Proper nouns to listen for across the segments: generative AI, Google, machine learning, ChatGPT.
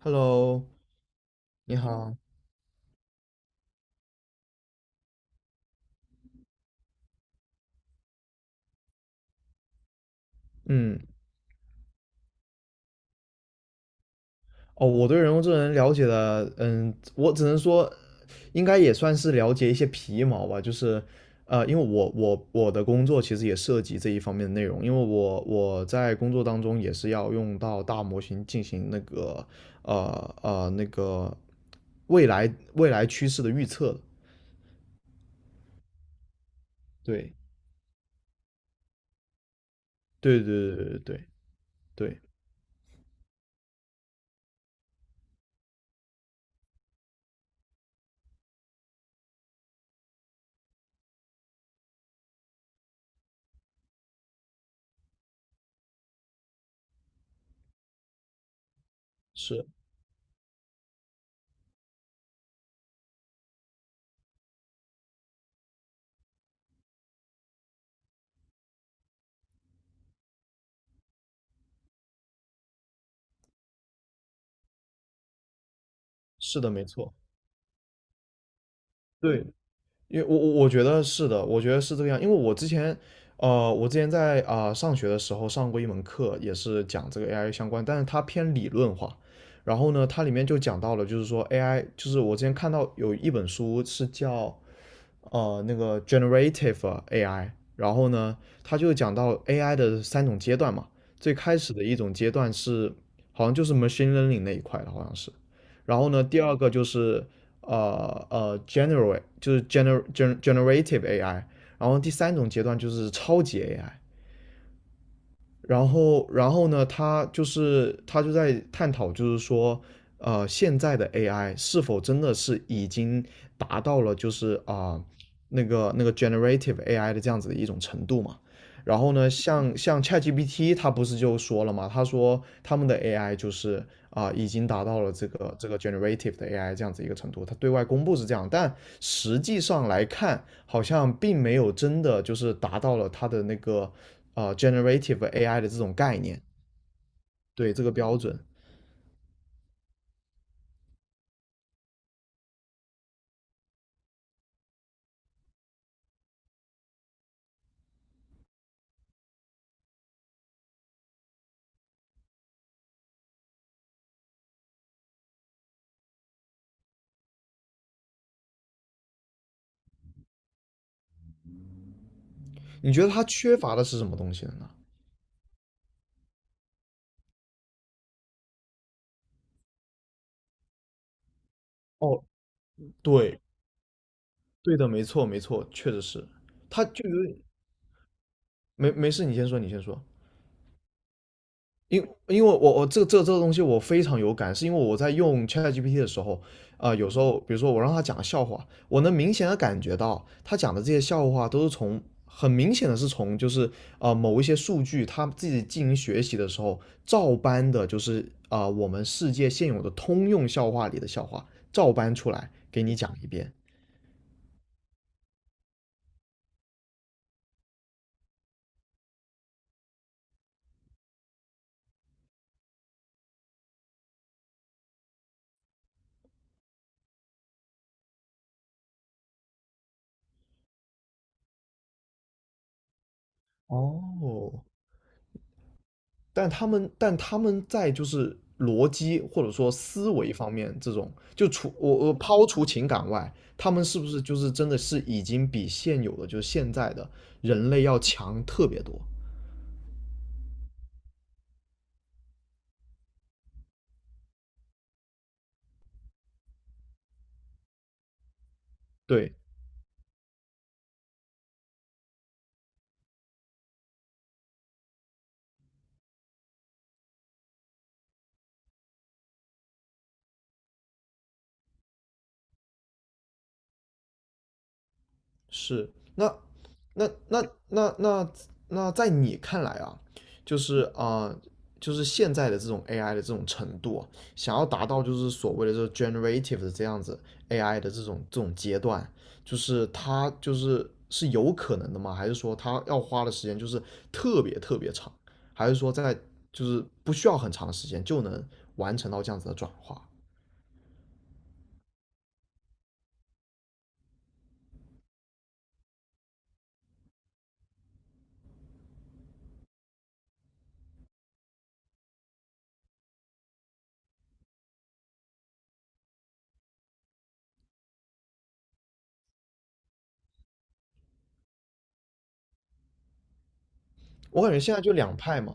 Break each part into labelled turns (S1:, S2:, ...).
S1: Hello,你好。嗯，哦，我对人工智能了解的，我只能说，应该也算是了解一些皮毛吧。因为我的工作其实也涉及这一方面的内容，因为我在工作当中也是要用到大模型进行呃那个未来未来趋势的预测的。对对对对对对对，是是的，没错。对。因为我觉得是的，我觉得是这个样。因为我之前，我之前在上学的时候上过一门课，也是讲这个 AI 相关，但是它偏理论化。然后呢，它里面就讲到了，就是说 AI,就是我之前看到有一本书是叫那个 generative AI。然后呢，它就讲到 AI 的三种阶段嘛，最开始的一种阶段是好像就是 machine learning 那一块的，好像是。然后呢，第二个就是generate 就是 generative AI,然后第三种阶段就是超级 AI。然后呢，他就在探讨，现在的 AI 是否真的是已经达到了就是那个 generative AI 的这样子的一种程度嘛？然后呢，像 ChatGPT,他不是就说了嘛，他说他们的 AI 就是已经达到了这个 generative 的 AI 这样子一个程度，他对外公布是这样，但实际上来看，好像并没有真的就是达到了它的那个generative AI 的这种概念，对这个标准。你觉得它缺乏的是什么东西呢？哦，对。对的，没错，没错，确实是。它就有点。没没事，你先说，你先说。因因为我这个东西我非常有感，是因为我在用 ChatGPT 的时候，有时候比如说我让他讲笑话，我能明显的感觉到他讲的这些笑话都是从很明显的是从就是某一些数据他自己进行学习的时候照搬的，就是我们世界现有的通用笑话里的笑话照搬出来给你讲一遍。哦，但他们在就是逻辑或者说思维方面，这种就除我抛除情感外，他们是不是就是真的是已经比现有的就是现在的人类要强特别多？对，是。那那那那那那在你看来啊，就是就是现在的这种 AI 的这种程度啊，想要达到就是所谓的这 generative 的这样子 AI 的这种阶段，它就是是有可能的吗？还是说它要花的时间就是特别特别长？还是说在就是不需要很长的时间就能完成到这样子的转化？我感觉现在就两派嘛，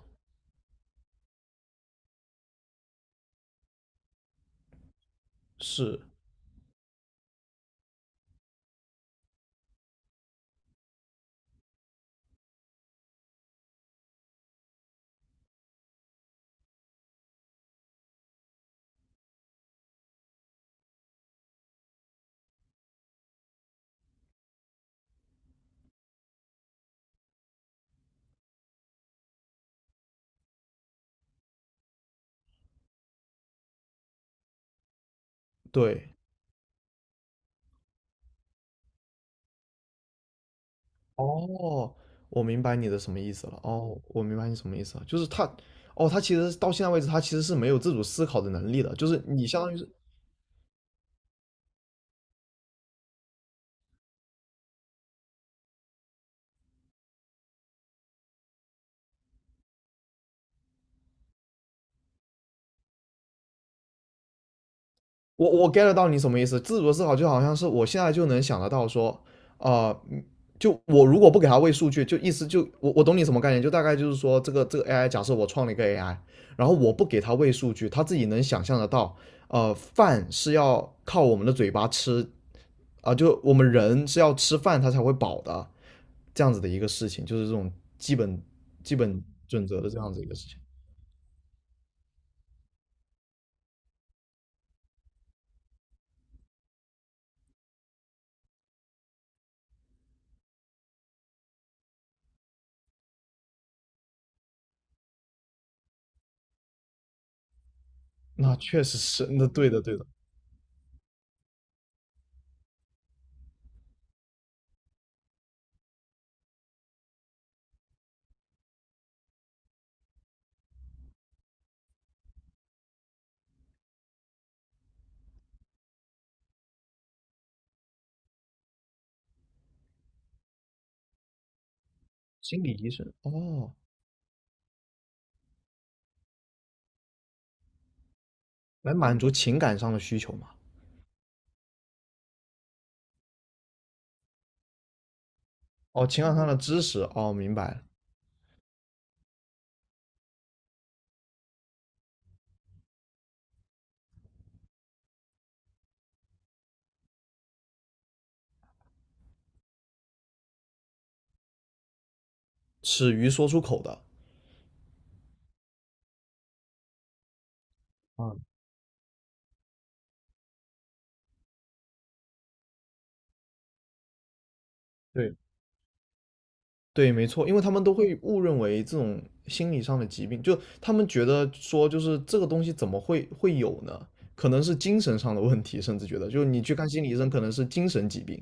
S1: 是，对。哦，我明白你的什么意思了。哦，我明白你什么意思了，就是他，哦，他其实到现在为止，他其实是没有自主思考的能力的。就是你相当于是，我 get 到你什么意思。自主思考就好像是我现在就能想得到说，啊、嗯就我如果不给他喂数据，就意思就我懂你什么概念，就大概就是说这个 AI,假设我创了一个 AI,然后我不给他喂数据，他自己能想象得到，饭是要靠我们的嘴巴吃，啊，就我们人是要吃饭他才会饱的，这样子的一个事情，就是这种基本基本准则的这样子一个事情。那确实是，那对的对的。心理医生哦，来满足情感上的需求嘛？哦，情感上的知识哦，明白了，耻于说出口的。啊，对，对，没错，因为他们都会误认为这种心理上的疾病，就他们觉得说，就是这个东西怎么会会有呢？可能是精神上的问题，甚至觉得，就是你去看心理医生，可能是精神疾病。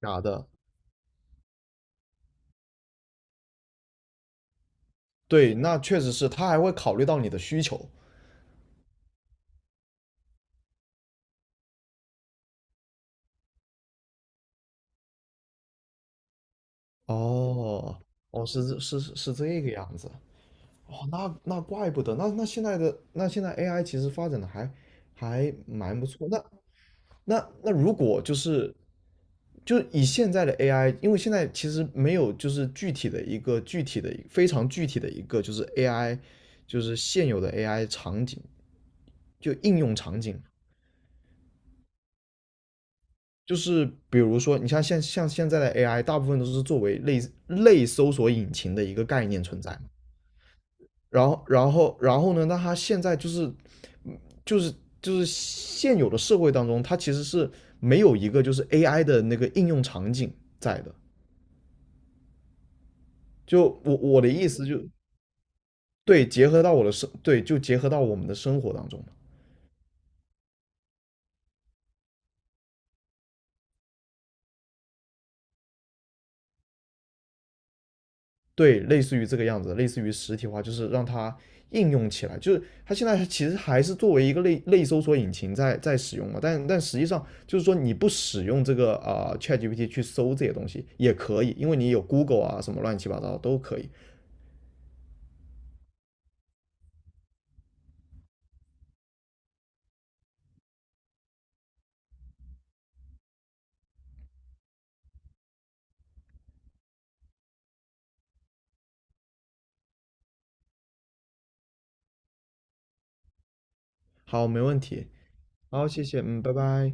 S1: 假的，对，那确实是，他还会考虑到你的需求。哦，哦，是这个样子。哦，那那怪不得。那现在的现在 AI 其实发展的还还蛮不错。那如果就是就以现在的 AI,因为现在其实没有就是具体的一个具体的非常具体的一个就是 AI,就是现有的 AI 场景就应用场景。就是比如说，你像现在的 AI,大部分都是作为类搜索引擎的一个概念存在。然后呢？那它现在就是，嗯就是就是现有的社会当中，它其实是没有一个就是 AI 的那个应用场景在的。就我的意思就对，结合到我的生对，就结合到我们的生活当中。对，类似于这个样子，类似于实体化，就是让它应用起来。就是它现在其实还是作为一个类搜索引擎在使用嘛，但但实际上就是说你不使用这个ChatGPT 去搜这些东西也可以，因为你有 Google 啊什么乱七八糟都可以。好，没问题。好，谢谢，嗯，拜拜。